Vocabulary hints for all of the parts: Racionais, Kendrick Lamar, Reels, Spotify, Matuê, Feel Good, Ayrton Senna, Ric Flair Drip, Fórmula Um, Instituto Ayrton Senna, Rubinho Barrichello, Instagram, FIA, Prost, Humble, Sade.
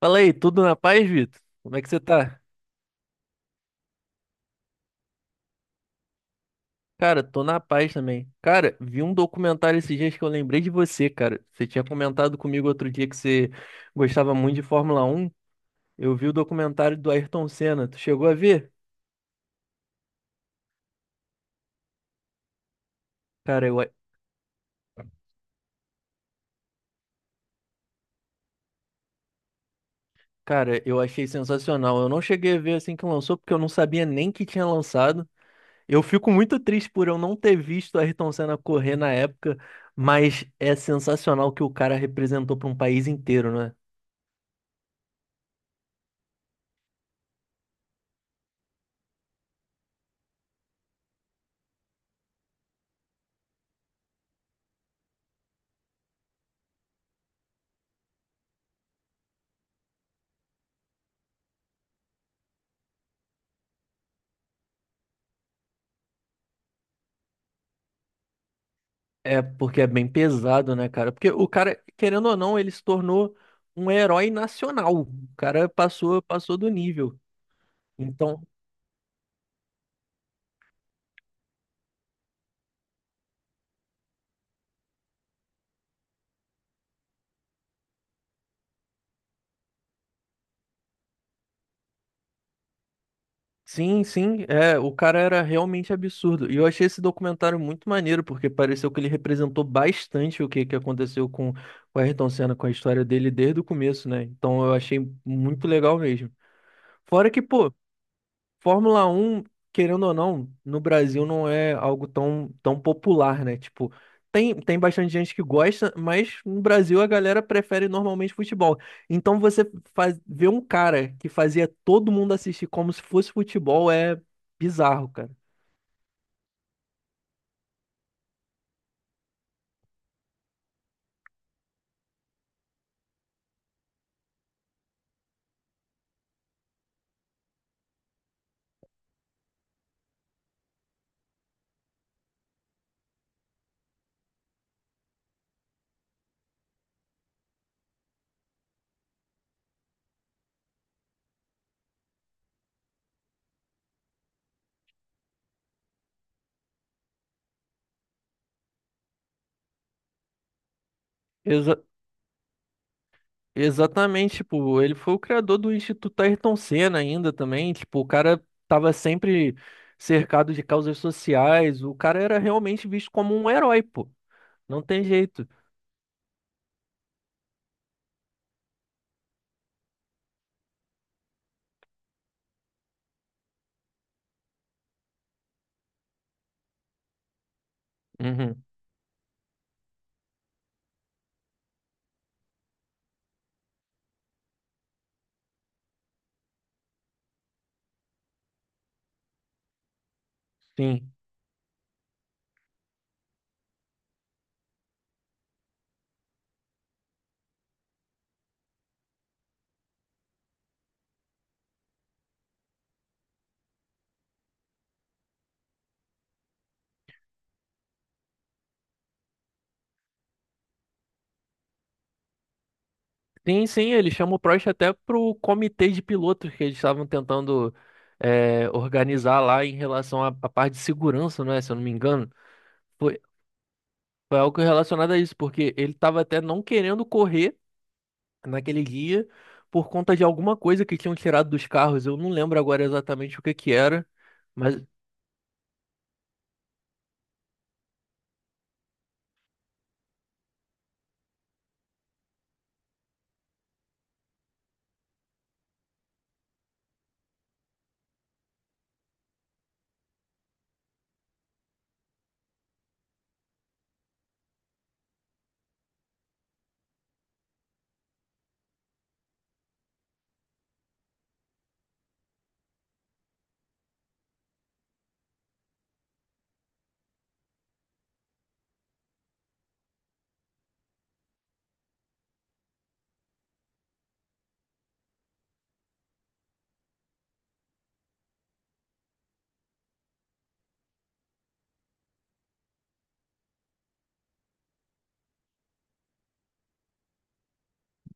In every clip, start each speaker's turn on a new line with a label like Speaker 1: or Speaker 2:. Speaker 1: Fala aí, tudo na paz, Vitor? Como é que você tá? Cara, tô na paz também. Cara, vi um documentário esses dias que eu lembrei de você, cara. Você tinha comentado comigo outro dia que você gostava muito de Fórmula Um. Eu vi o documentário do Ayrton Senna. Tu chegou a ver? Cara, cara, eu achei sensacional. Eu não cheguei a ver assim que lançou, porque eu não sabia nem que tinha lançado. Eu fico muito triste por eu não ter visto o Ayrton Senna correr na época, mas é sensacional o que o cara representou para um país inteiro, né? É porque é bem pesado, né, cara? Porque o cara, querendo ou não, ele se tornou um herói nacional. O cara passou, passou do nível. Então, sim, sim, é, o cara era realmente absurdo. E eu achei esse documentário muito maneiro, porque pareceu que ele representou bastante o que aconteceu com o Ayrton Senna, com a história dele desde o começo, né? Então eu achei muito legal mesmo. Fora que, pô, Fórmula um querendo ou não, no Brasil não é algo tão popular, né? Tipo, tem bastante gente que gosta, mas no Brasil a galera prefere normalmente futebol. Então você faz, ver um cara que fazia todo mundo assistir como se fosse futebol é bizarro, cara. Exa- exatamente, tipo, ele foi o criador do Instituto Ayrton Senna ainda também, tipo, o cara tava sempre cercado de causas sociais, o cara era realmente visto como um herói, pô. Não tem jeito. Uhum. Sim. Sim, sim, ele chama o Prost até pro comitê de pilotos que eles estavam tentando é, organizar lá em relação à parte de segurança, não é? Se eu não me engano. Foi, foi algo relacionado a isso, porque ele estava até não querendo correr naquele dia por conta de alguma coisa que tinham tirado dos carros. Eu não lembro agora exatamente o que que era, mas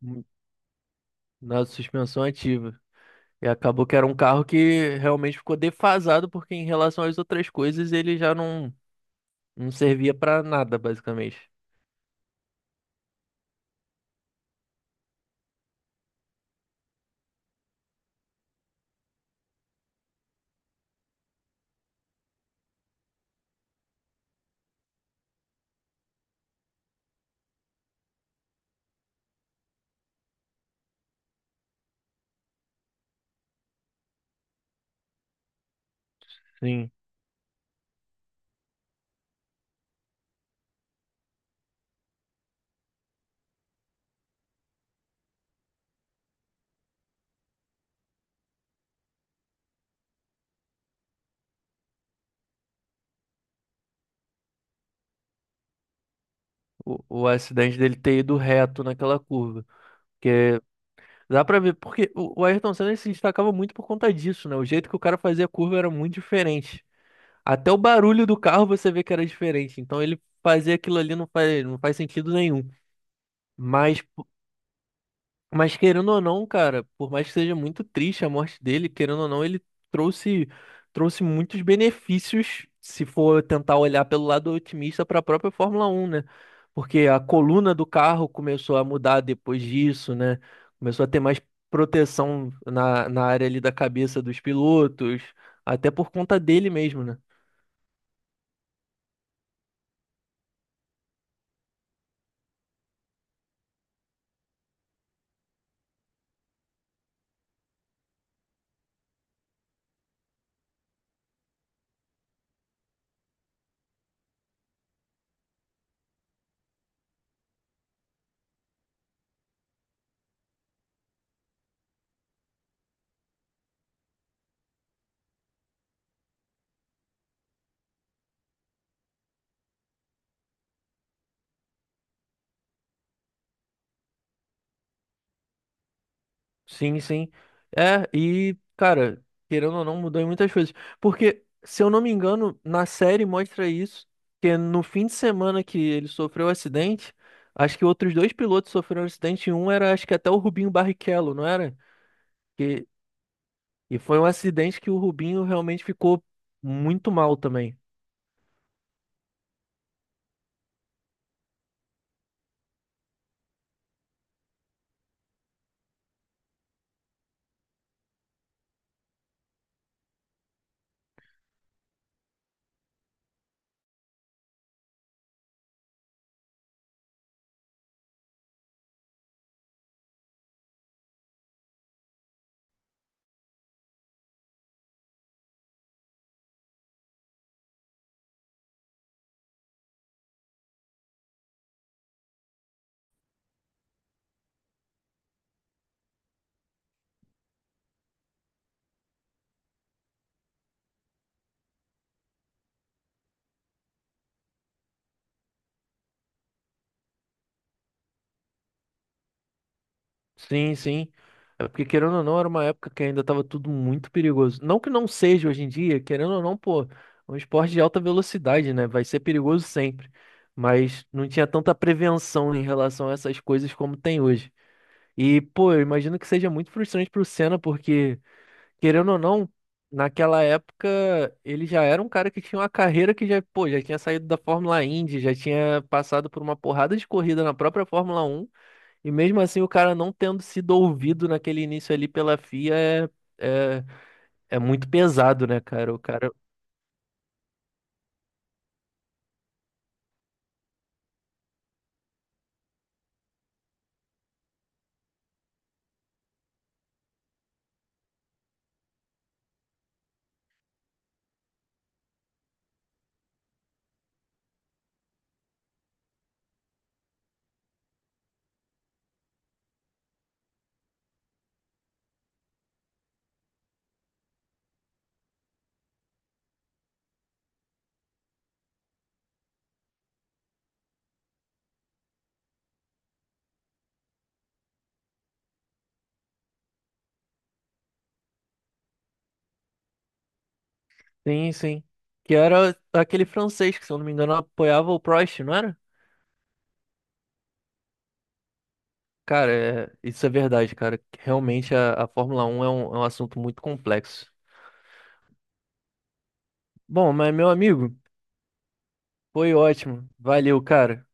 Speaker 1: hum, na suspensão ativa. E acabou que era um carro que realmente ficou defasado, porque em relação às outras coisas ele já não servia para nada, basicamente. Sim, o acidente dele ter ido reto naquela curva. Porque dá pra ver, porque o Ayrton Senna ele se destacava muito por conta disso, né? O jeito que o cara fazia a curva era muito diferente. Até o barulho do carro você vê que era diferente. Então ele fazer aquilo ali não faz sentido nenhum. Mas Mas querendo ou não, cara, por mais que seja muito triste a morte dele, querendo ou não, ele trouxe trouxe muitos benefícios, se for tentar olhar pelo lado otimista para a própria Fórmula Um, né? Porque a coluna do carro começou a mudar depois disso, né? Começou a ter mais proteção na área ali da cabeça dos pilotos, até por conta dele mesmo, né? Sim, sim. É, e, cara, querendo ou não, mudou em muitas coisas. Porque, se eu não me engano, na série mostra isso, que é no fim de semana que ele sofreu o acidente, acho que outros dois pilotos sofreram um acidente, e um era, acho que até o Rubinho Barrichello, não era? Que, e foi um acidente que o Rubinho realmente ficou muito mal também. Sim, sim. É porque, querendo ou não, era uma época que ainda estava tudo muito perigoso. Não que não seja hoje em dia, querendo ou não, pô, é um esporte de alta velocidade, né? Vai ser perigoso sempre. Mas não tinha tanta prevenção em relação a essas coisas como tem hoje. E, pô, eu imagino que seja muito frustrante pro Senna, porque, querendo ou não, naquela época ele já era um cara que tinha uma carreira que já, pô, já tinha saído da Fórmula Indy, já tinha passado por uma porrada de corrida na própria Fórmula Um e mesmo assim, o cara não tendo sido ouvido naquele início ali pela FIA é, é, é muito pesado, né, cara? O cara. Sim, sim. Que era aquele francês que, se eu não me engano, apoiava o Prost, não era? Cara, isso é verdade, cara. Realmente a Fórmula 1 é um assunto muito complexo. Bom, mas meu amigo, foi ótimo. Valeu, cara.